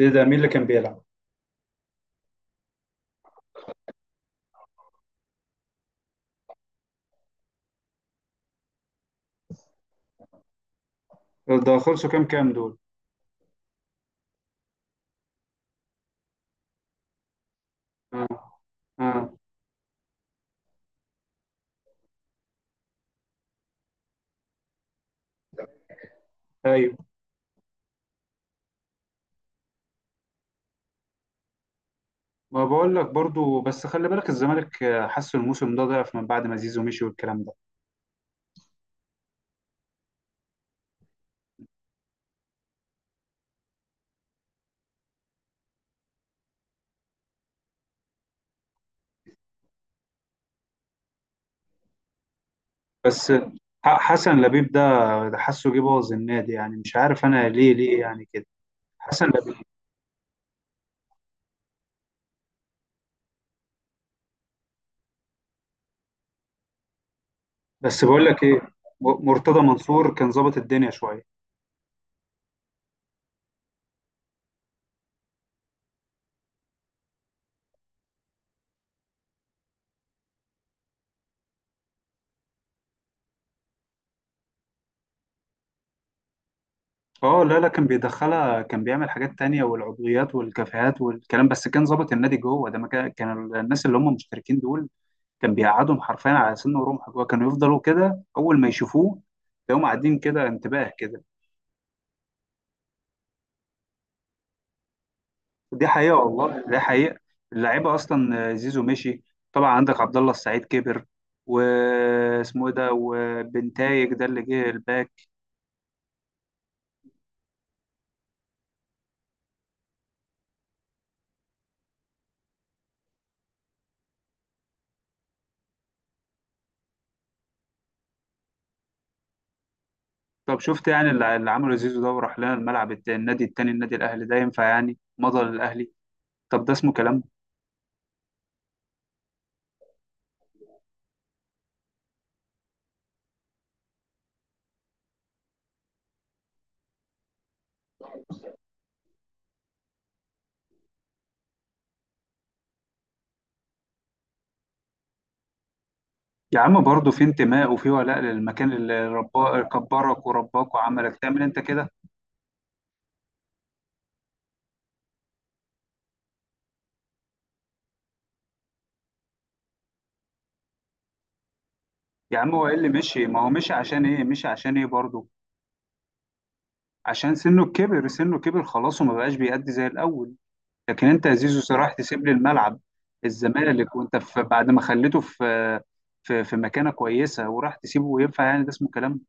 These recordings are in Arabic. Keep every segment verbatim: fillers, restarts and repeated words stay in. ايه ده؟ مين اللي كان بيلعب؟ ده خلصوا كام كام دول؟ اه، اه، ايوه. ما بقول لك برضو، بس خلي بالك الزمالك آه، حسوا الموسم ده ضعف من بعد ما زيزو مشي والكلام ده. بس ح- حسن لبيب ده، ده حسه جه بوظ النادي، يعني مش عارف انا ليه ليه يعني كده. حسن لبيب. بس بقول لك ايه، م- مرتضى منصور كان ظابط الدنيا شويه. اه، لا، لا، كان بيدخلها، كان بيعمل حاجات تانية والعضويات والكافيهات والكلام، بس كان ظابط النادي جوه، ده ما كان كان الناس اللي هم مشتركين دول كان بيقعدهم حرفيا على سن ورمح. جوه كانوا يفضلوا كده اول ما يشوفوه تلاقيهم قاعدين كده انتباه كده. دي حقيقه والله، دي حقيقه. اللعيبه اصلا زيزو مشي، طبعا عندك عبد الله السعيد كبر، واسمه ايه ده، وبنتايج ده اللي جه الباك. طب شفت يعني اللي اللي عمله زيزو ده، وراح لنا الملعب الت- النادي التاني، النادي الاهلي، ده ينفع يعني مضى للاهلي؟ طب ده اسمه كلام؟ يا عم برضه في انتماء وفي ولاء للمكان اللي ربا كبرك ورباك، وعملك تعمل انت كده. يا عم هو ايه اللي مشي؟ ما هو مشي عشان ايه، مشي عشان ايه برضه؟ عشان سنه كبر، سنه كبر خلاص، وما بقاش بيأدي زي الاول. لكن انت يا زيزو صراحة تسيب لي الملعب، الزمالك، وانت في، بعد ما خليته في في في مكانه كويسه وراح تسيبه، وينفع يعني؟ ده اسمه كلام؟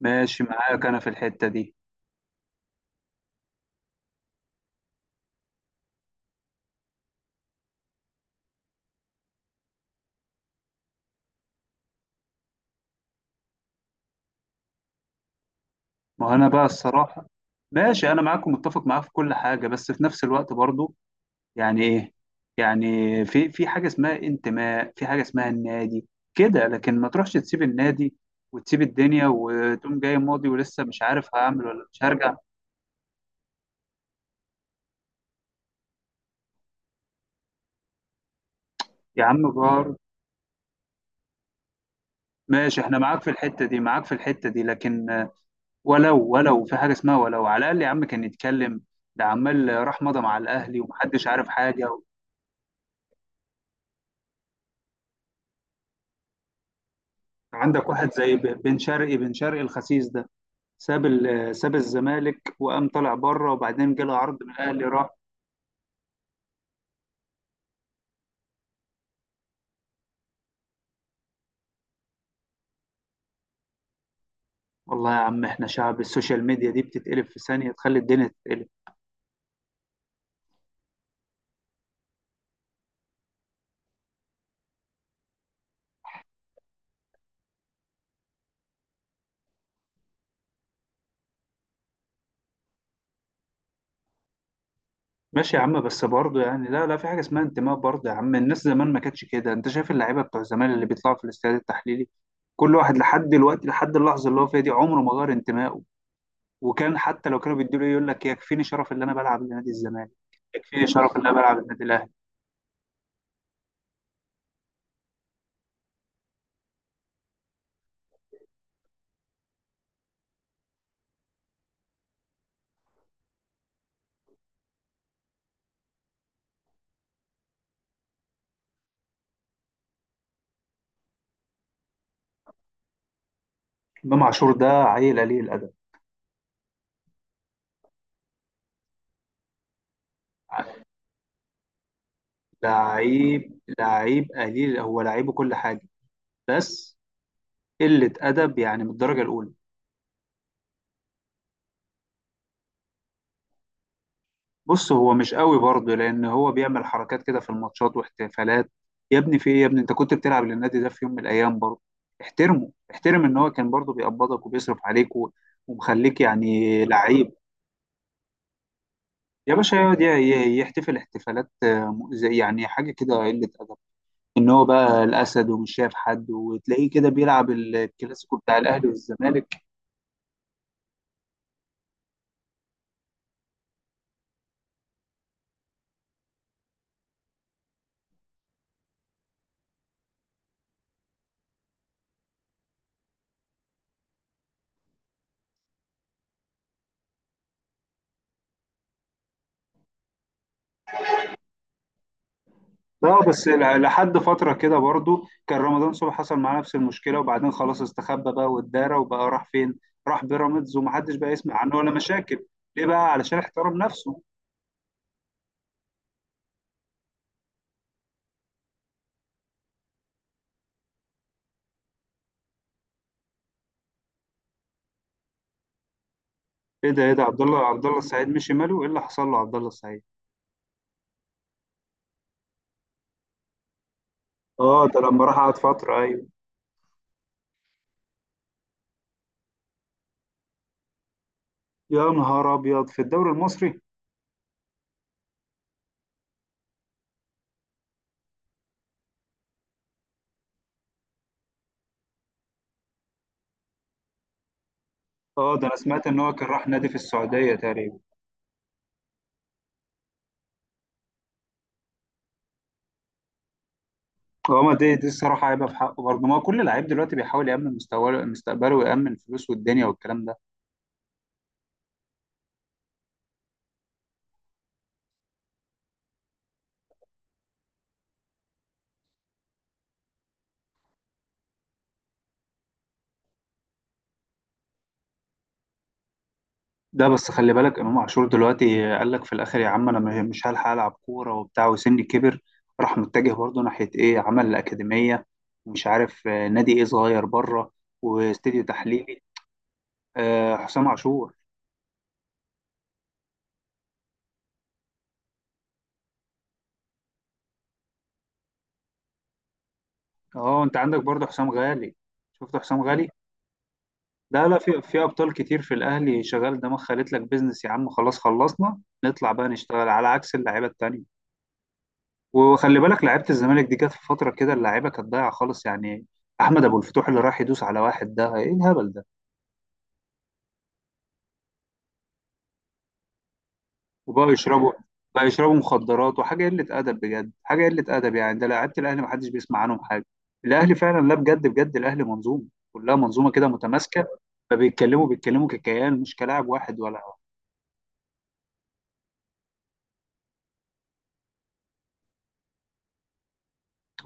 ماشي معاك انا في الحته دي. ما هو انا بقى الصراحه ماشي، انا معاكم، متفق معاك في كل حاجه، بس في نفس الوقت برضه يعني ايه؟ يعني في في حاجه اسمها انتماء، في حاجه اسمها النادي كده، لكن ما تروحش تسيب النادي وتسيب الدنيا وتقوم جاي ماضي ولسه مش عارف هعمل ولا مش هرجع. يا عم جار. ماشي، احنا معاك في الحته دي، معاك في الحته دي، لكن آه، ولو ولو في حاجه اسمها، ولو على الاقل يا عم كان يتكلم. ده عمال راح مضى مع الاهلي ومحدش عارف حاجه. عندك واحد زي ب- بن شرقي، بن شرقي الخسيس ده، ساب ال- ساب الزمالك وقام طلع بره، وبعدين جاله عرض من الاهلي راح. والله يا عم احنا شعب السوشيال ميديا دي بتتقلب في ثانية تخلي الدنيا تتقلب. ماشي يا عم، بس برضه يعني، لا، لا، في حاجة اسمها انتماء برضه يا عم. الناس زمان ما كانتش كده. انت شايف اللعيبة بتوع زمان اللي بيطلعوا في الاستاد التحليلي؟ كل واحد لحد دلوقتي، لحد اللحظة اللي هو فيها دي، عمره ما غير انتمائه. وكان حتى لو كانوا بيدوا له إيه، يقول لك يكفيني شرف اللي انا بلعب لنادي الزمالك، يكفيني شرف اللي انا بلعب للنادي الاهلي. امام عاشور ده عيل قليل الادب. لعيب لعيب قليل، هو لعيبه كل حاجة، بس قلة أدب يعني من الدرجة الأولى. بص هو مش قوي برضه، لان هو بيعمل حركات كده في الماتشات واحتفالات. يا ابني في ايه يا ابني؟ انت كنت بتلعب للنادي ده في يوم من الايام برضه، احترمه، احترم ان هو كان برضه بيقبضك وبيصرف عليك و- ومخليك يعني لعيب. يا باشا يقعد ي- ي- يحتفل احتفالات آه، م- زي يعني حاجه كده قله ادب، ان هو بقى الاسد ومش شايف حد، وتلاقيه كده بيلعب الكلاسيكو بتاع الاهلي والزمالك. لا بس ل- لحد فترة كده برضو كان رمضان صبحي حصل معاه نفس المشكلة، وبعدين خلاص استخبى بقى والدارة، وبقى راح فين؟ راح بيراميدز ومحدش بقى يسمع عنه ولا مشاكل. ليه بقى؟ علشان احترم نفسه. ايه ده ايه ده عبد الله عبد الله السعيد مشي، ماله؟ ايه اللي حصل له عبد الله السعيد؟ اه، ده لما راح قعد فترة، ايوه. يا نهار ابيض، في الدوري المصري؟ اه، ده انا سمعت ان هو كان راح نادي في السعودية تقريبا. اه، ما دي دي الصراحة هيبقى في حقه برضه، ما هو كل لعيب دلوقتي بيحاول يأمن مستواه، مستقبله، ويأمن فلوسه والدنيا والكلام ده. ده بس خلي بالك امام عاشور دلوقتي قال لك في الاخر يا عم، انا م- مش هلحق العب كوره وبتاع، وسني كبر. راح متجه برضه ناحيه ايه، عمل الاكاديميه، ومش عارف آه، نادي ايه صغير بره، واستديو تحليلي. آه، حسام عاشور. اه، انت عندك برضه حسام غالي. شفت حسام غالي. لا، لا، في في ابطال كتير في الاهلي شغال دماغ، خلت لك بيزنس يا عم، خلاص خلصنا نطلع بقى نشتغل، على عكس اللعيبه التانيه. وخلي بالك لعيبه الزمالك دي جت في فتره كده اللعيبه كانت ضايعه خالص يعني. احمد ابو الفتوح اللي راح يدوس على واحد، ده ايه الهبل ده؟ وبقى يشربوا، بقى يشربوا مخدرات وحاجه قله ادب، بجد حاجه قله ادب يعني. ده لعيبه الاهلي ما حدش بيسمع عنهم حاجه. الاهلي فعلا، لا بجد، بجد الاهلي منظومه، كلها منظومه كده متماسكه. فبيتكلموا بيتكلموا ككيان، مش كلاعب واحد ولا.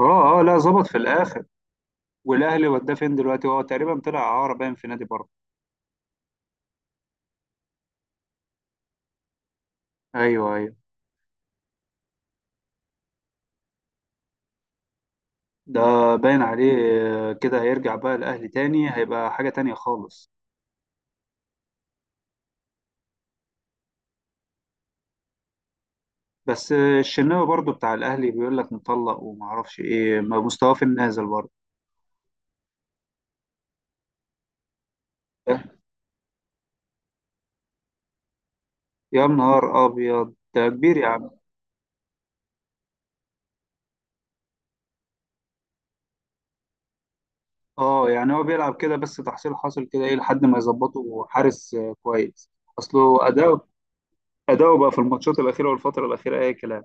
اه، اه، لا، ظبط في الاخر. والاهلي وداه فين دلوقتي؟ هو تقريبا طلع اعاره، باين في نادي بره. ايوه، ايوه. ده باين عليه. آه، كده هيرجع بقى الأهلي، تاني هيبقى حاجة تانية خالص. بس الشناوي برضو بتاع الأهلي بيقول لك مطلق، ومعرفش إيه، ما مستواه في النازل برضو. يا نهار أبيض، ده كبير يا عم. أه، يعني هو بيلعب كده بس تحصيل حاصل كده، إيه لحد ما يظبطه حارس آه، كويس. أصله أداؤه، أداؤه بقى في الماتشات الأخيرة والفترة الأخيرة أي كلام.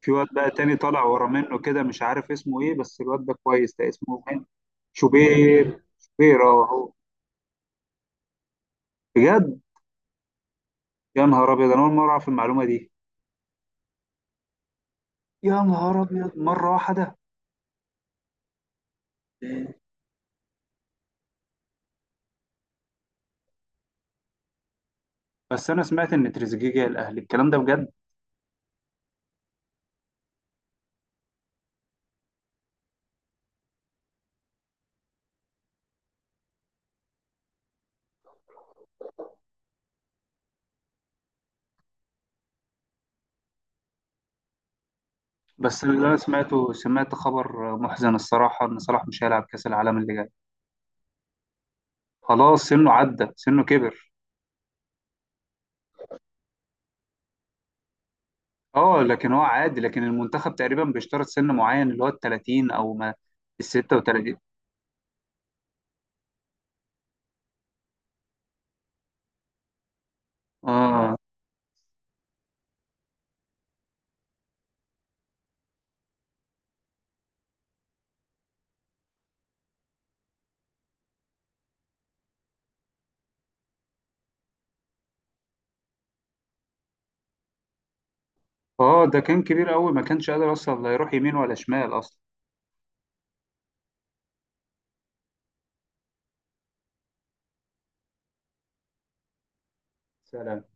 في واد بقى تاني طالع ورا منه كده، مش عارف اسمه إيه، بس الواد ده كويس، ده اسمه إيه؟ شوبير، شوبير، أه هو. بجد؟ يا نهار ابيض، انا اول مره اعرف المعلومه دي. يا نهار ابيض، مره واحده. بس انا سمعت ان تريزيجيه جاي الاهلي، الكلام ده بجد؟ بس اللي انا سمعته، سمعت خبر محزن الصراحه، ان صلاح مش هيلعب كاس العالم اللي جاي. خلاص سنه عدى، سنه كبر. اه، لكن هو عادي، لكن المنتخب تقريبا بيشترط سن معين اللي هو ال ثلاثين او ما ال ستة وثلاثين. اه، اه، ده كان كبير قوي، ما كانش قادر اصلا لا يروح يمين ولا شمال اصلا. سلام.